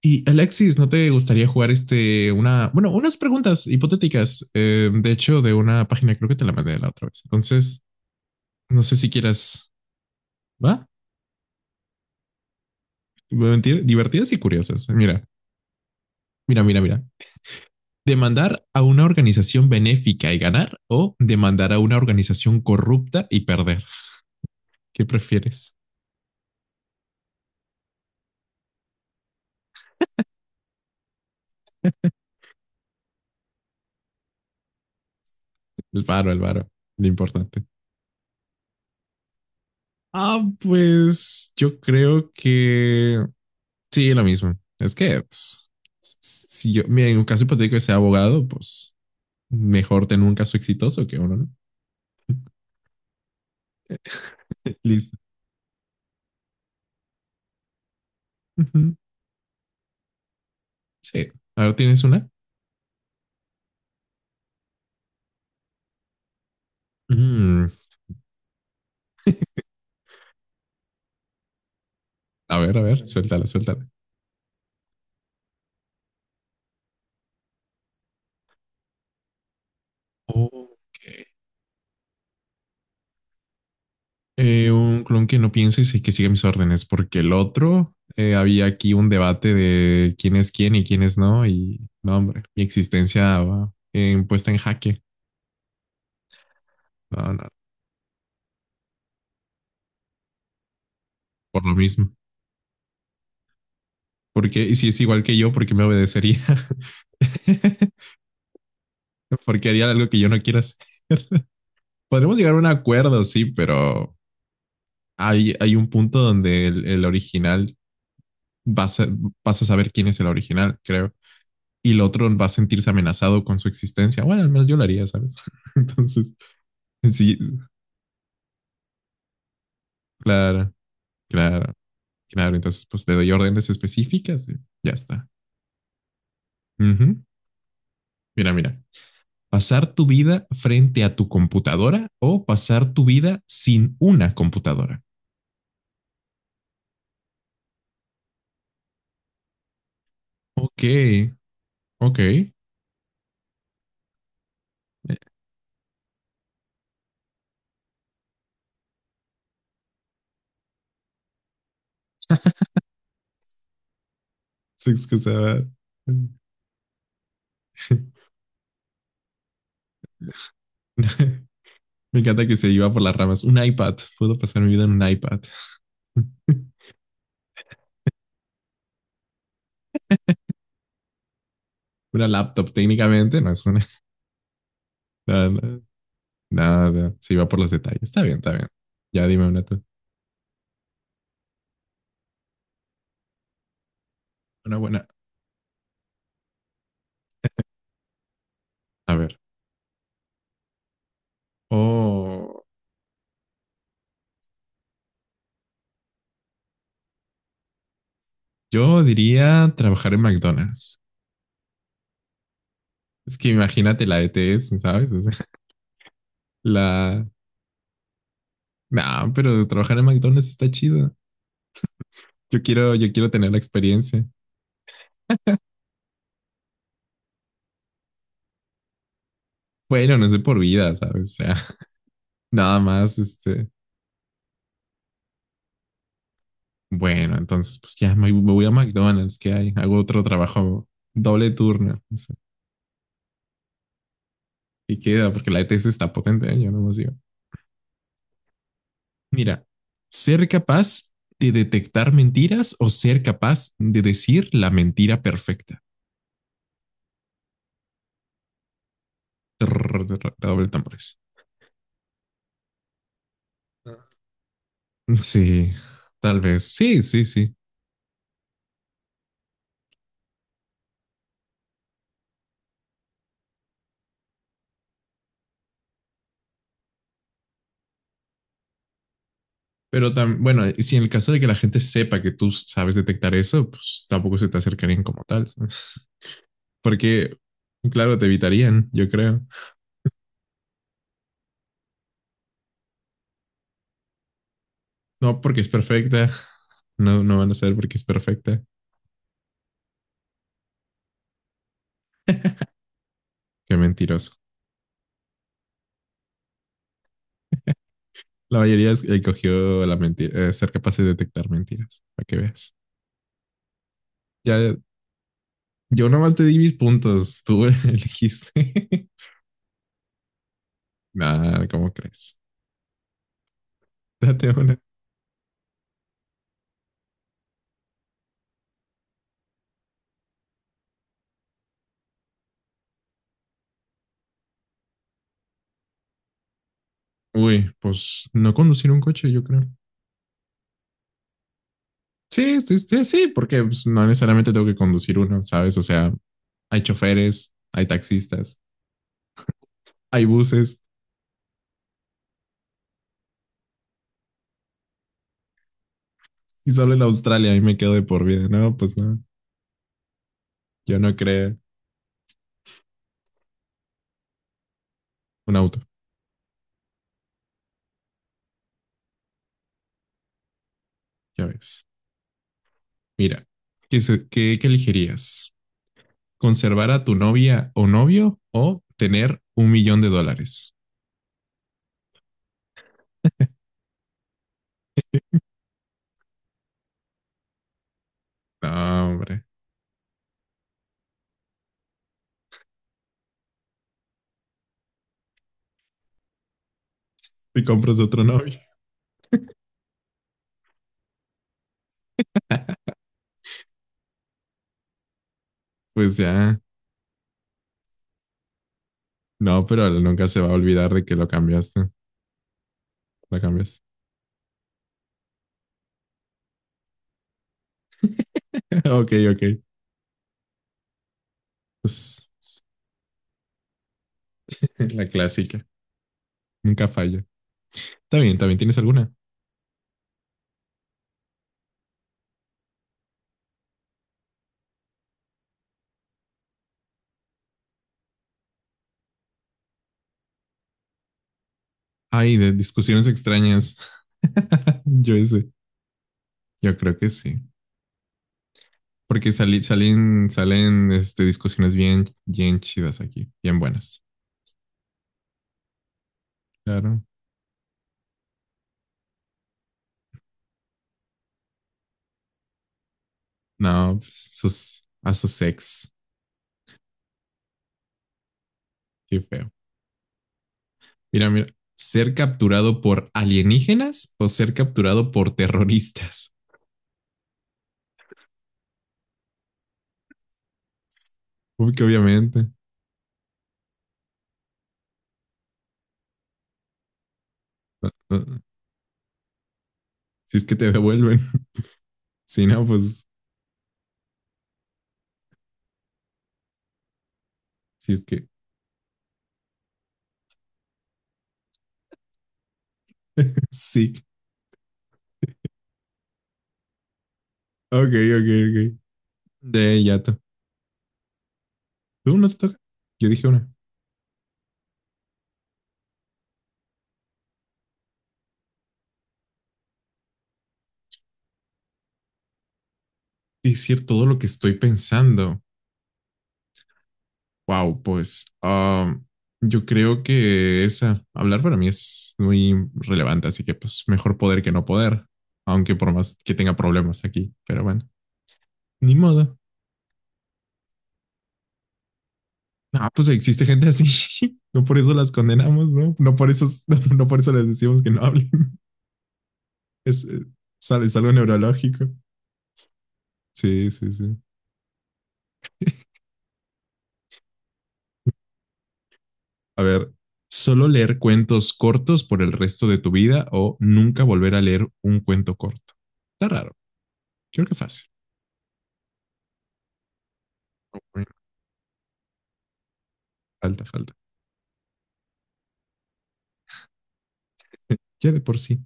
Y Alexis, ¿no te gustaría jugar unas preguntas hipotéticas? Eh, de hecho, de una página, creo que te la mandé la otra vez. Entonces, no sé si quieras, ¿va? Divertidas y curiosas. Mira, mira, mira. Demandar a una organización benéfica y ganar o demandar a una organización corrupta y perder. ¿Qué prefieres? El varo, lo importante. Ah, pues yo creo que sí, lo mismo. Es que, pues, si yo, mira, en un caso hipotético de ser abogado, pues mejor tener un caso exitoso que uno, ¿no? Listo. Ujú. Sí. A ver, ¿tienes una? Mm, a ver, suéltala, suéltala. Ok. Un clon que no piense y sí, que siga mis órdenes, porque el otro, había aquí un debate de quién es quién y quién es no, y no, hombre, mi existencia va puesta en jaque. No, no, por lo mismo. Porque y si es igual que yo, ¿por qué me obedecería? Porque haría algo que yo no quiera hacer. Podremos llegar a un acuerdo, sí, pero hay un punto donde el original vas a, vas a saber quién es el original, creo. Y el otro va a sentirse amenazado con su existencia. Bueno, al menos yo lo haría, ¿sabes? Entonces, sí, claro, claro, claro. Entonces, pues le doy órdenes específicas y ya está. Uh -huh. Mira, mira. Pasar tu vida frente a tu computadora o pasar tu vida sin una computadora. Ok, ok. Se excusaba. Me encanta que se iba por las ramas. Un iPad. Puedo pasar mi vida en un iPad. Una laptop técnicamente, no es una... Nada, nada, nada. Se iba por los detalles. Está bien, está bien. Ya dime una, tú. Una buena. A ver. Oh, yo diría trabajar en McDonald's. Es que imagínate la ETS, ¿sabes? O sea, la, nah, pero trabajar en McDonald's está chido. Yo quiero tener la experiencia. Bueno, no sé por vida, ¿sabes? O sea, nada más, este. Bueno, entonces, pues me voy a McDonald's, ¿qué hay? Hago otro trabajo, doble turno. O sea, y queda, porque la ETS está potente, ¿eh? Yo no más digo. Mira, ser capaz de detectar mentiras o ser capaz de decir la mentira perfecta. Trrr, trrr, doble tambores. Sí, tal vez. Sí, sí, sí. Y si en el caso de que la gente sepa que tú sabes detectar eso, pues tampoco se te acercarían como tal, ¿sabes? Porque, claro, te evitarían, yo creo. No porque es perfecta, no, no van a saber porque es perfecta. Qué mentiroso. Escogió la mentira, ser capaz de detectar mentiras, para que veas. Ya, yo nomás te di mis puntos, tú elegiste. Nada, ¿cómo crees? Date una. Uy, pues no conducir un coche, yo creo. Sí, sí, sí, sí, porque pues, no necesariamente tengo que conducir uno, ¿sabes? O sea, hay choferes, hay taxistas, hay buses, y solo en Australia ahí me quedo de por vida. No, pues no, yo no creo un auto, ya ves. Mira, ¿qué, qué elegirías? ¿Conservar a tu novia o novio o tener un millón de dólares? No, hombre, si compras otro novio, pues ya. No, pero él nunca se va a olvidar de que lo cambiaste. La cambiaste. Ok, ok. Pues, la clásica. Nunca falla. Está bien, también tienes alguna. Ay, de discusiones extrañas. Yo ese. Yo creo que sí. Porque salen discusiones bien, bien chidas aquí, bien buenas. Claro. No, pues, sus, a sus ex. Qué feo. Mira, mira. ¿Ser capturado por alienígenas o ser capturado por terroristas? Uy, que obviamente. No, no. Si es que te devuelven. Si no, pues, si es que. Sí. Ok, ok, ok. De yato. ¿Tú no te toca? Yo dije una. Decir todo lo que estoy pensando. Wow, pues yo creo que esa, hablar para mí es muy relevante, así que pues mejor poder que no poder, aunque por más que tenga problemas aquí, pero bueno, ni modo. Ah, pues existe gente así, no por eso las condenamos, ¿no? No por eso, no por eso les decimos que no hablen. Es, eh, Sale, es algo neurológico. Sí, sí, sí. A ver, solo leer cuentos cortos por el resto de tu vida o nunca volver a leer un cuento corto. Está raro. Creo que fácil. Falta, falta. Ya de por sí.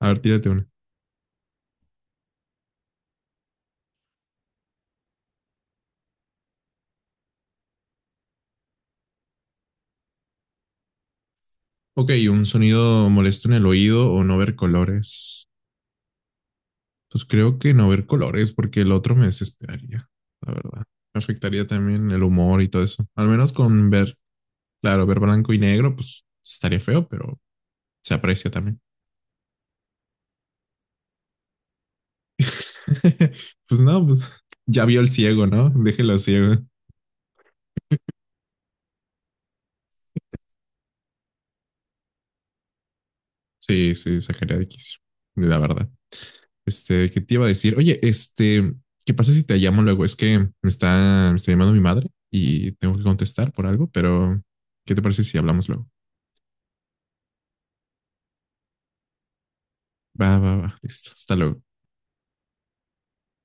A ver, tírate una. Ok, un sonido molesto en el oído o no ver colores. Pues creo que no ver colores porque el otro me desesperaría, la verdad. Me afectaría también el humor y todo eso. Al menos con ver, claro, ver blanco y negro, pues estaría feo, pero se aprecia también. Pues no, pues ya vio el ciego, ¿no? Déjelo ciego. Sí, sí, X, la verdad. Este, ¿qué te iba a decir? Oye, este, ¿qué pasa si te llamo luego? Es que me está llamando mi madre y tengo que contestar por algo, pero ¿qué te parece si hablamos luego? Va, va, va, listo, hasta luego.